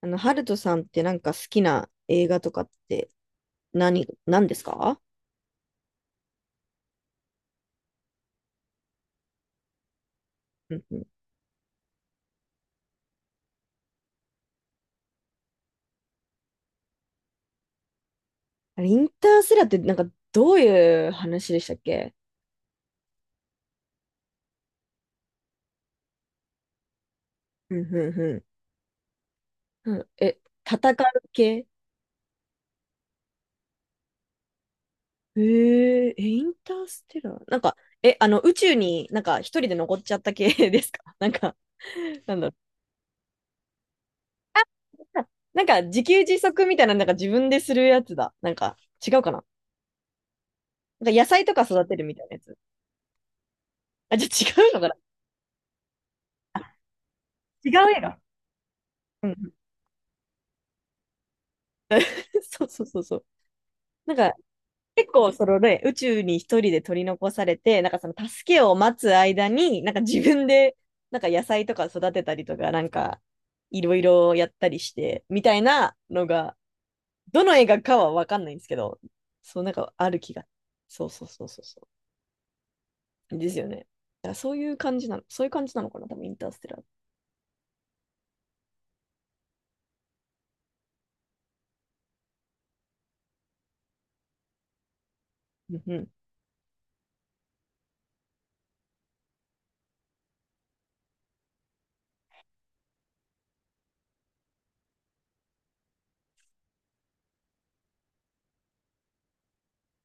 ハルトさんってなんか好きな映画とかって何ですか？うんうん。あれ、インターステラーってなんかどういう話でしたっけ？うんうんうん。うん、え、戦う系？へえ、え、インターステラーなんか、え、あの、宇宙になんか一人で残っちゃった系 ですかなんか、なんだろう。なんか自給自足みたいな、なんか自分でするやつだ。なんか違うかな？なんか野菜とか育てるみたいなやつ。あ、じゃあ違うのかな？あ違うやろ。うん。そうそうそうそう。なんか、結構、そのね、宇宙に一人で取り残されて、なんかその助けを待つ間に、なんか自分で、なんか野菜とか育てたりとか、なんか、いろいろやったりして、みたいなのが、どの映画かはわかんないんですけど、そう、なんかある気が。そうそうそうそうそう。ですよね。だからそういう感じなの、そういう感じなのかな、多分インターステラー。うん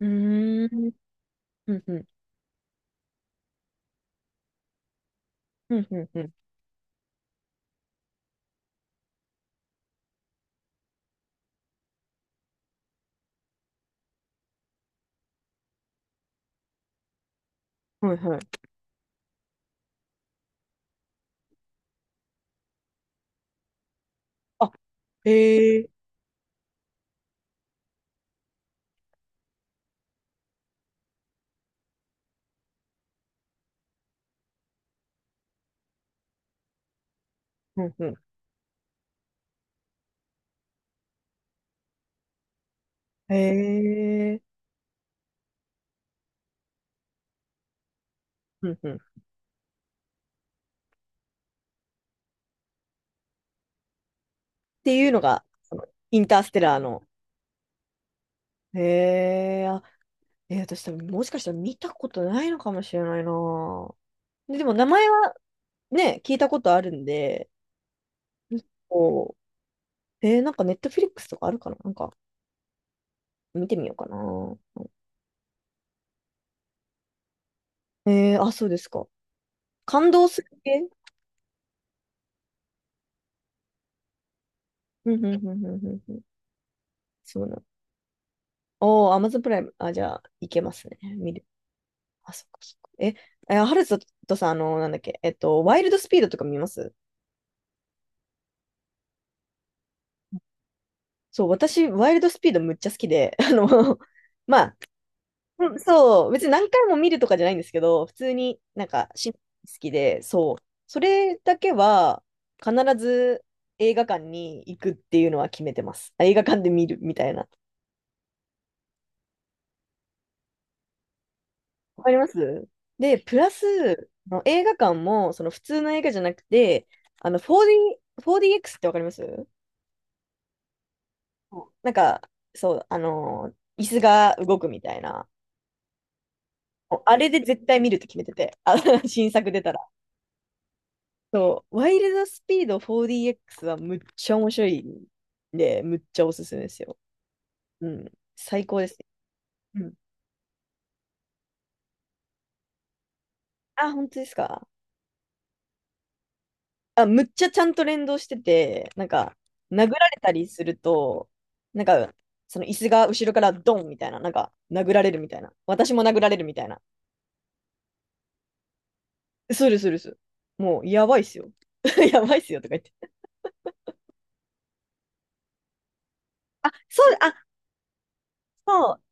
うん。うーん。うんうん。うんうんうん。はいはい。あ、へえ。うんうん。へえ。うんうん。っていうのが、そのインターステラーの。へえ、あ、えー私多分もしかしたら見たことないのかもしれないな。でも名前はね、聞いたことあるんで、こう、えーなんかネットフィリックスとかあるかな、なんか見てみようかな。えーあ、そうですか。感動する系？うんうんうんうんうんうん。そうなの。おー、アマゾンプライム。あ、じゃあ、いけますね。見る。あ、そっかそっか。え、ハルトとさん、あの、なんだっけ、えっと、ワイルドスピードとか見ます？そう、私、ワイルドスピードむっちゃ好きで、まあ、うんそう、別に何回も見るとかじゃないんですけど、普通になんか好きで、そう、それだけは必ず映画館に行くっていうのは決めてます。映画館で見るみたいな。わかります。で、プラス、あの映画館もその普通の映画じゃなくて、あの 4D、4DX ってわかります？そうなんか、そう、あの椅子が動くみたいな。もうあれで絶対見るって決めてて、あ 新作出たら。そう、ワイルドスピード 4DX はむっちゃ面白いんで、むっちゃおすすめですよ。うん、最高ですね。うん、あ、本当ですか。あ、むっちゃちゃんと連動してて、なんか、殴られたりすると、なんか、その椅子が後ろからドンみたいな、なんか、殴られるみたいな。私も殴られるみたいな。するするする。もう、やばいっすよ。やばいっすよとか言って。あ、そう、あ、そう、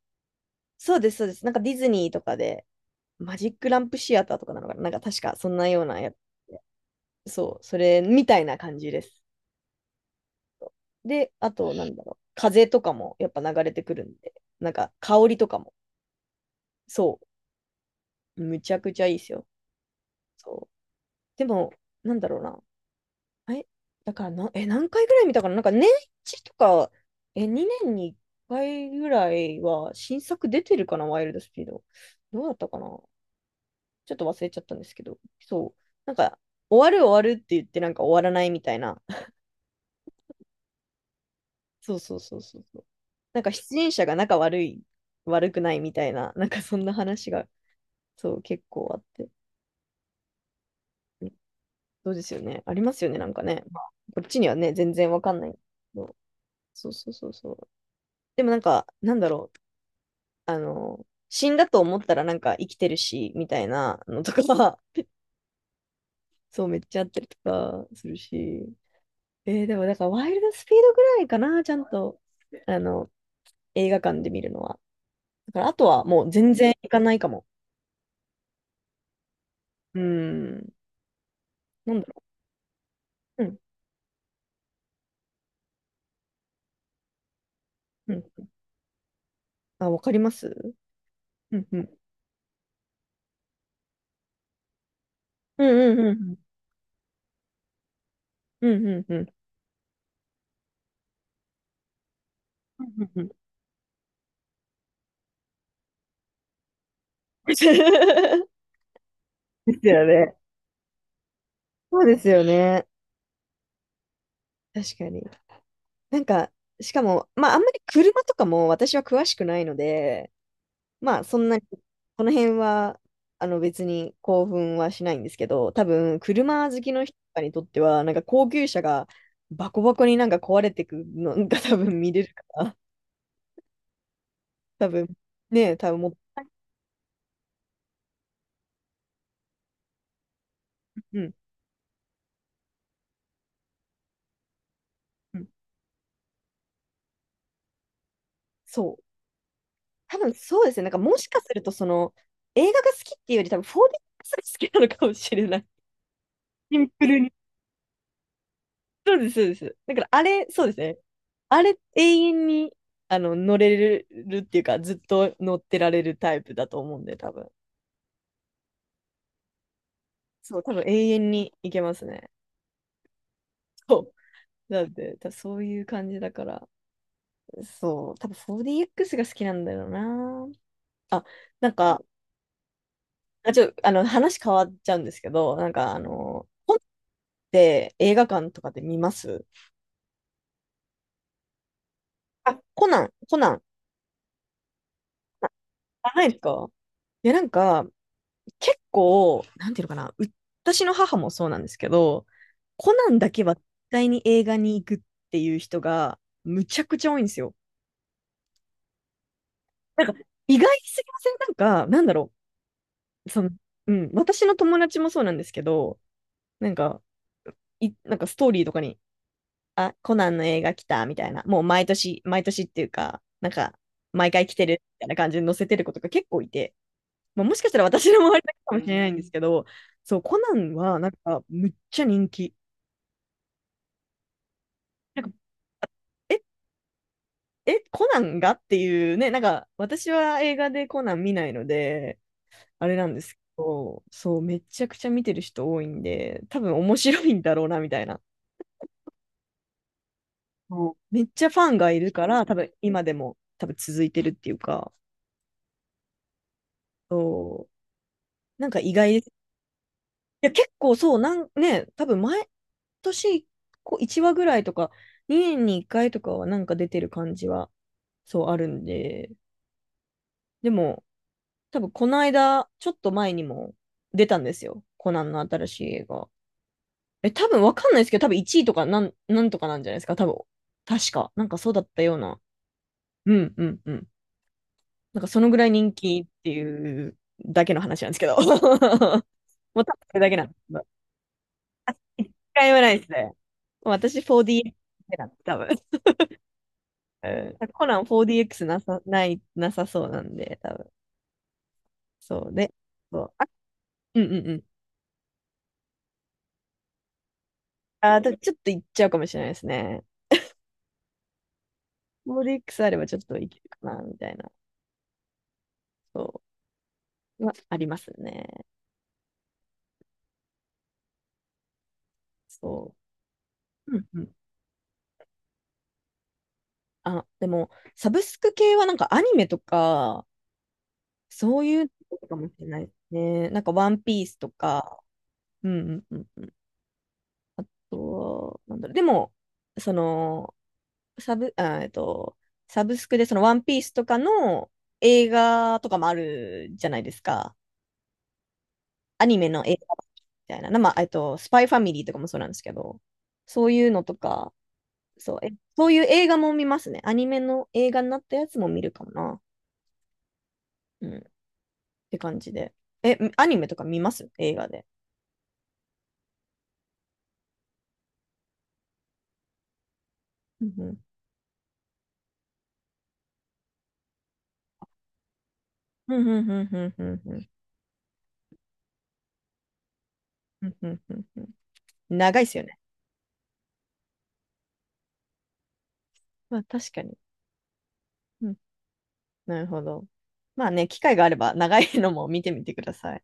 そうです、そうです。なんかディズニーとかで、マジックランプシアターとかなのかな、なんか確かそんなようなや、そう、それみたいな感じです。で、あと、なんだろう、風とかもやっぱ流れてくるんで、なんか香りとかも、そう、むちゃくちゃいいですよ。そう。でも、なんだろうな。え、だからな、え、何回ぐらい見たかな、なんか年一とか、え、2年に1回ぐらいは新作出てるかな、ワイルドスピード。どうだったかな、ちょっと忘れちゃったんですけど、そう。なんか、終わるって言ってなんか終わらないみたいな。そうそうそうそうそう。なんか出演者が仲悪くないみたいな、なんかそんな話が、そう、結構あって。そうですよね。ありますよね、なんかね。まあこっちにはね、全然わかんないけど。そうそうそうそう。でもなんか、なんだろう。あの、死んだと思ったらなんか生きてるし、みたいなのとか、そう、めっちゃあったりとかするし。えーでも、だから、ワイルドスピードぐらいかな、ちゃんと、あの、映画館で見るのは。だから、あとはもう全然行かないかも。うん。なんだろう。うん。うん。あ、わかります。うんうん。うんうんうんうん。うんうんうん。うんうんうん。 ですよね。そうですよね。確かに。なんか、しかも、まあ、あんまり車とかも私は詳しくないので、まあ、そんなに、この辺は、あの、別に興奮はしないんですけど、多分、車好きの人とかにとっては、なんか高級車がバコバコになんか壊れてくのが多分見れるから、多分、ねえ、多分もう、うん、うん、そう。多分そうですね。なんかもしかすると、その、映画が好きっていうより、多分 4DX が好きなのかもしれない。シンプルに。そうです、そうです。だからあれ、そうですね。あれ、永遠に、あの、乗れるっていうか、ずっと乗ってられるタイプだと思うんで、多分。そう、多分永遠にいけますね。そう。だって、多分そういう感じだから、そう、多分 4DX が好きなんだよな。あ、なんか、あ、ちょ、あの、話変わっちゃうんですけど、本って映画館とかで見ます？あ、コナン、あ、あないですか？いや、なんか、なんていうのかな、私の母もそうなんですけど、コナンだけは絶対に映画に行くっていう人が、むちゃくちゃ多いんですよ。意外すぎません？なんか、なんだろう。その、うん、私の友達もそうなんですけど、なんか、なんかストーリーとかに、あ、コナンの映画来たみたいな、もう毎年っていうか、なんか、毎回来てるみたいな感じで載せてる子とか結構いて、まあ、もしかしたら私の周りだけかもしれないんですけど、そう、コナンはなんか、むっちゃ人気。なんか、え、コナンがっていうね、なんか、私は映画でコナン見ないので、あれなんですけど、そう、めちゃくちゃ見てる人多いんで、多分面白いんだろうな、みたいな。もうめっちゃファンがいるから、多分今でも多分続いてるっていうか、そう、なんか意外です。いや、結構そう、なんね、多分毎年こう1話ぐらいとか、2年に1回とかはなんか出てる感じは、そうあるんで、でも、多分この間、ちょっと前にも出たんですよ。コナンの新しい映画。え、多分わかんないですけど、多分1位とかなんとかなんじゃないですか、多分。確か。なんかそうだったような。うんうんうん。なんかそのぐらい人気っていうだけの話なんですけど。もう多分それだけなんですけど。一回もないですね。私 4DX なんで、多分。うんコナン 4DX なさそうなんで、多分。そうで、そう。あ、うんうんうん。あだちょっといっちゃうかもしれないですね。4DX あればちょっといけるかな、みたいな。そう。はありますね。そう。うんうん。あ、でも、サブスク系はなんかアニメとか、そういうのかもしれないですね。なんかワンピースとか、うんうんうん。となんだろう。でも、その、サブ、あ、えっと、サブスクでそのワンピースとかの映画とかもあるじゃないですか。アニメの映画みたいな。な、スパイファミリーとかもそうなんですけど、そういうのとか、そう、え、そういう映画も見ますね。アニメの映画になったやつも見るかもな。うん。って感じで。え、アニメとか見ます映画で？うんうん。うんうんうんうんうんうん。うんうんうんうん、長いですよね。まあ確かに。うん、なるほど。まあね、機会があれば長いのも見てみてください。